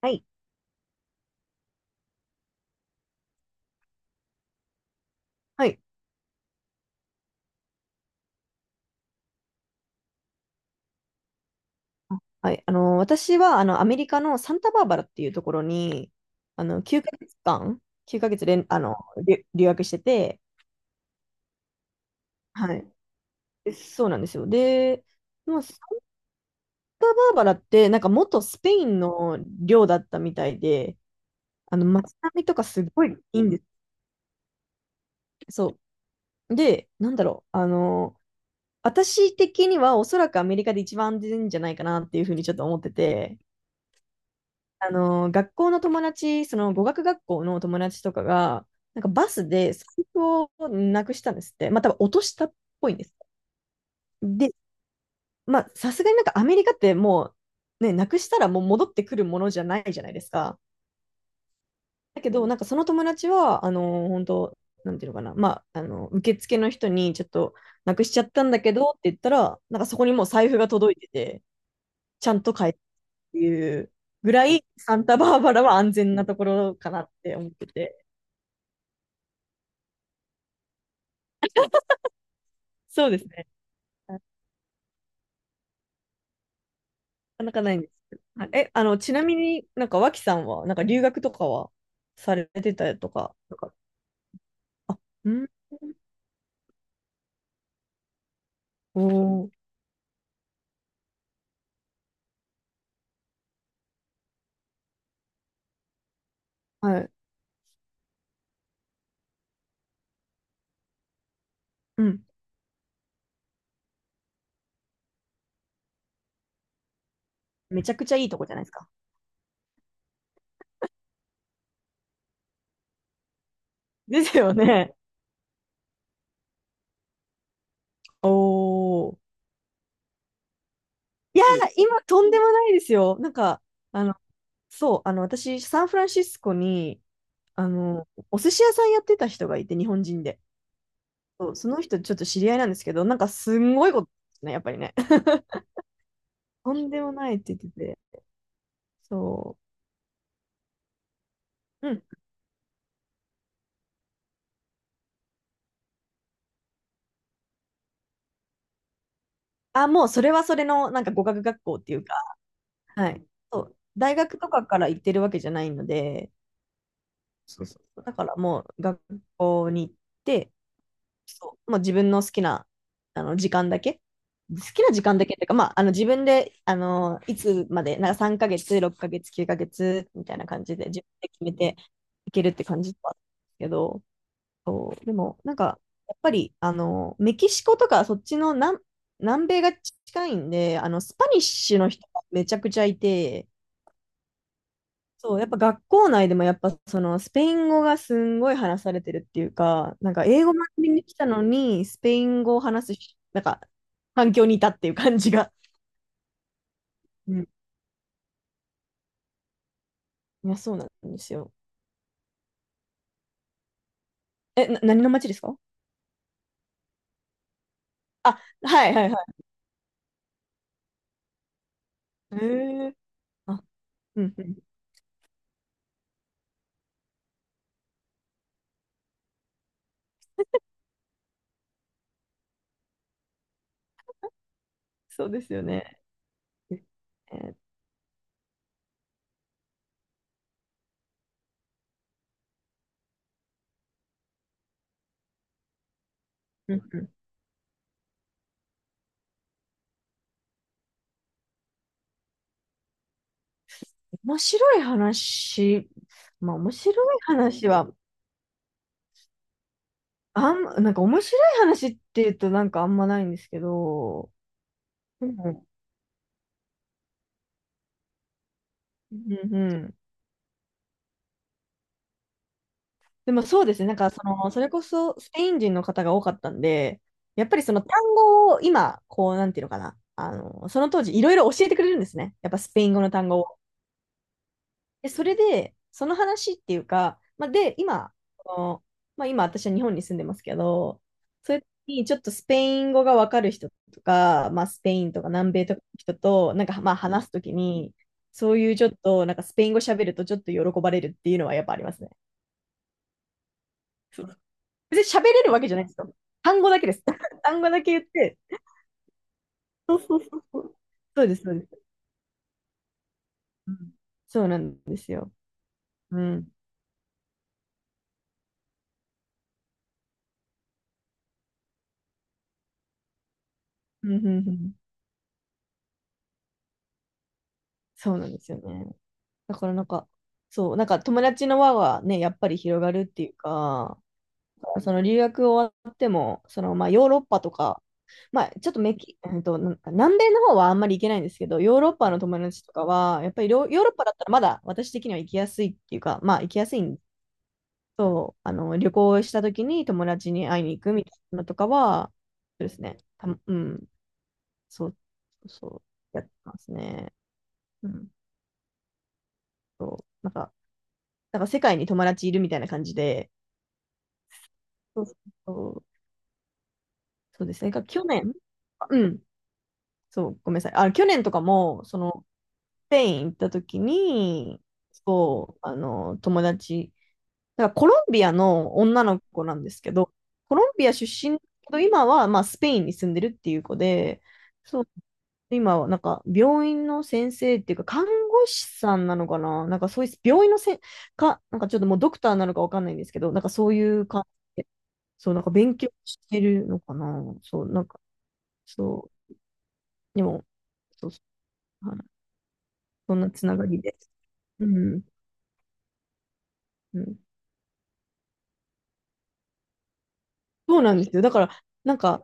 はい。はい。はい。私は、アメリカのサンタバーバラっていうところに、9ヶ月間、9ヶ月連、あの、留留学してて、はい。で、そうなんですよ。で、もうサンタバーバラって、なんか元スペインの領だったみたいで、あの、街並みとかすごいいいんです。そう。で、なんだろう、私的にはおそらくアメリカで一番安全じゃないかなっていうふうにちょっと思ってて、あの、学校の友達、その語学学校の友達とかが、なんかバスで財布をなくしたんですって。まあ、多分落としたっぽいんです。で、まあ、さすがになんかアメリカってもう、ね、なくしたらもう戻ってくるものじゃないじゃないですか。だけど、なんかその友達は、あの、本当なんていうのかな、まあ、あの、受付の人にちょっとなくしちゃったんだけどって言ったら、なんかそこにもう財布が届いてて、ちゃんと帰ってっていうぐらい、サンタバーバラは安全なところかなって思ってて。そうですね。なかなかないんですけど。はい、え、あの、ちなみになんか脇さんは、なんか留学とかはされてたりとか、なんか、あ、うん、おー、はい、うん。めちゃくちゃいいとこじゃないですか。ですよね。おー。いやー、今、とんでもないですよ。なんか、あの、そう、あの、私、サンフランシスコに、あの、お寿司屋さんやってた人がいて、日本人で。そう、その人、ちょっと知り合いなんですけど、なんか、すんごいことですね、やっぱりね。とんでもないって言ってて。そう。うん。あ、もうそれはそれのなんか語学学校っていうか、はい。そう。大学とかから行ってるわけじゃないので、そうそう。だからもう学校に行って、そう、もう自分の好きなあの時間だけ、好きな時間だけっていうか、まあ、あの自分であのいつまで、なんか3ヶ月、6ヶ月、9ヶ月みたいな感じで自分で決めていけるって感じだったんですけど、そう、でも、なんか、やっぱり、あの、メキシコとか、そっちの南、南米が近いんで、あの、スパニッシュの人がめちゃくちゃいて、そう、やっぱ学校内でも、やっぱ、その、スペイン語がすんごい話されてるっていうか、なんか、英語学びに来たのに、スペイン語を話すし、なんか、環境にいたっていう感じが。うん。いや、そうなんですよ。え、な、何の街ですか？あ、はいはいはい。へえ。あ、うんうん。そうですよね。えーうんうん面白い話、まあ面白い話は、あん、なんか面白い話って言うとなんかあんまないんですけど、うん、うんうん。でもそうですね、なんかその、それこそスペイン人の方が多かったんで、やっぱりその単語を今、こう、なんていうのかな、あの、その当時いろいろ教えてくれるんですね。やっぱスペイン語の単語を。で、それで、その話っていうか、まあ、で、今、あのまあ、今私は日本に住んでますけど、そういう時にちょっとスペイン語がわかる人とか、まあ、スペインとか南米とかの人と、なんかまあ話すときに、そういうちょっと、なんかスペイン語喋るとちょっと喜ばれるっていうのはやっぱありますね。そう別に喋れるわけじゃないですよ。単語だけです。単語だけ言って、そうそうそうそう。そうです、そうです。うん、そうなんですよ。うん。うんうんうん、そうなんですよね。だからなんか、そう、なんか友達の輪はね、やっぱり広がるっていうか、その留学終わっても、そのまあヨーロッパとか、まあちょっとメキ、えっと、なんか南米の方はあんまり行けないんですけど、ヨーロッパの友達とかは、やっぱりヨーロッパだったらまだ私的には行きやすいっていうか、まあ行きやすいん、そう、あの旅行した時に友達に会いに行くみたいなのとかは、そうですね、たうん、そう、そう、やってますね。うん、そう、なんか、なんか世界に友達いるみたいな感じで、そうそうそう、そうですね。が去年、あうん、そう、ごめんなさい。あ、去年とかも、その、スペイン行った時に、そう、あの、友達、だからコロンビアの女の子なんですけど、コロンビア出身だけど、今は、まあ、スペインに住んでるっていう子で、そう、今は、なんか、病院の先生っていうか、看護師さんなのかな、なんか、そういう、病院のせん、か、なんかちょっともうドクターなのかわかんないんですけど、なんかそういう感じ、そう、なんか勉強してるのかな。そう、なんか、そう、でも、そうそう、はい、そんなつながりで。うん、うん。そうなんですよ。だから、なんか、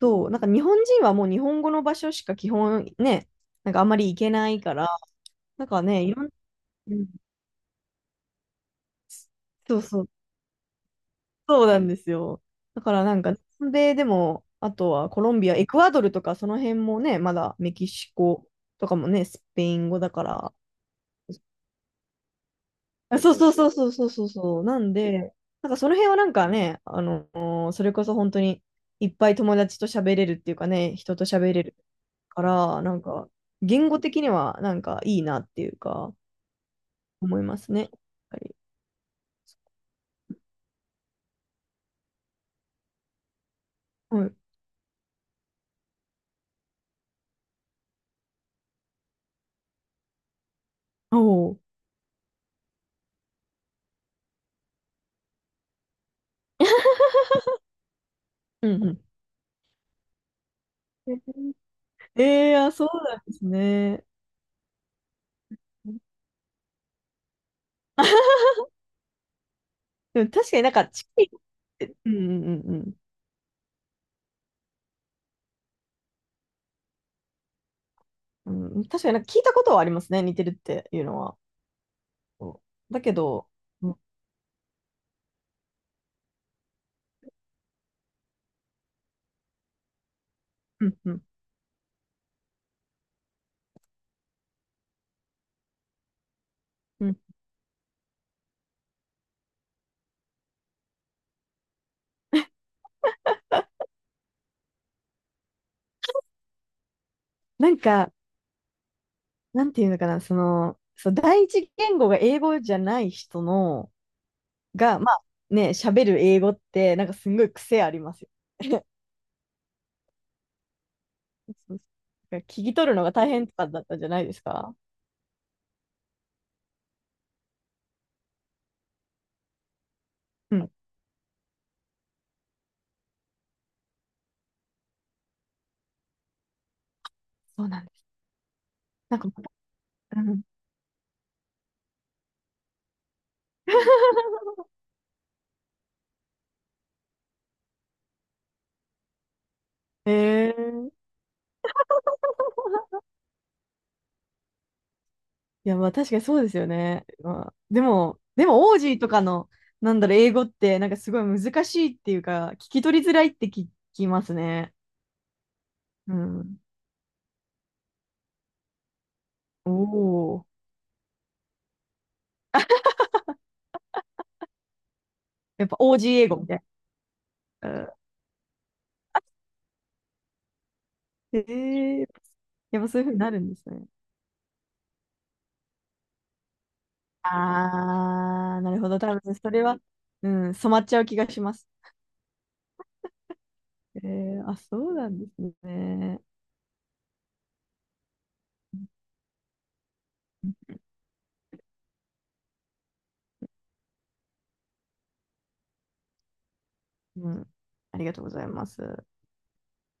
そう、なんか日本人はもう日本語の場所しか基本ね、なんかあんまり行けないから、なんかね、いろん、うん、そうそう、そうなんですよ。だからなんか、南米でも、あとはコロンビア、エクアドルとかその辺もね、まだメキシコとかもね、スペイン語だから、そうそうそうそうそうそうそう。なんで、なんかその辺はなんかね、あの、それこそ本当にいっぱい友達と喋れるっていうかね、人と喋れるから、なんか言語的にはなんかいいなっていうか、思いますね。やっぱりはい。おお。うんうん。ええー、あ、そうなんですね。でも確かになんかチキンって、うんうんうんうん。うん、確かになんか聞いたことはありますね、似てるっていうのは。そうだけど、うんうんうん。なんか、なんていうのかな、その、そう、第一言語が英語じゃない人の、が、まあね、喋る英語って、なんかすんごい癖ありますよ。そうそう聞き取るのが大変とかだったんじゃないですか？うん、そうなんです。なんか、うん。へえ、いや、まあ確かにそうですよね。まあ、でも、でも、オージーとかの、なんだろう、英語って、なんかすごい難しいっていうか、聞き取りづらいって聞きますね。うん。おお、やっぱオージー英語みたいな。ええ、やっぱそういうふうになるんですね。ああ、なるほど。多分それは、うん、染まっちゃう気がします。ええあ、そうなんですね。うん、ありがとうございます。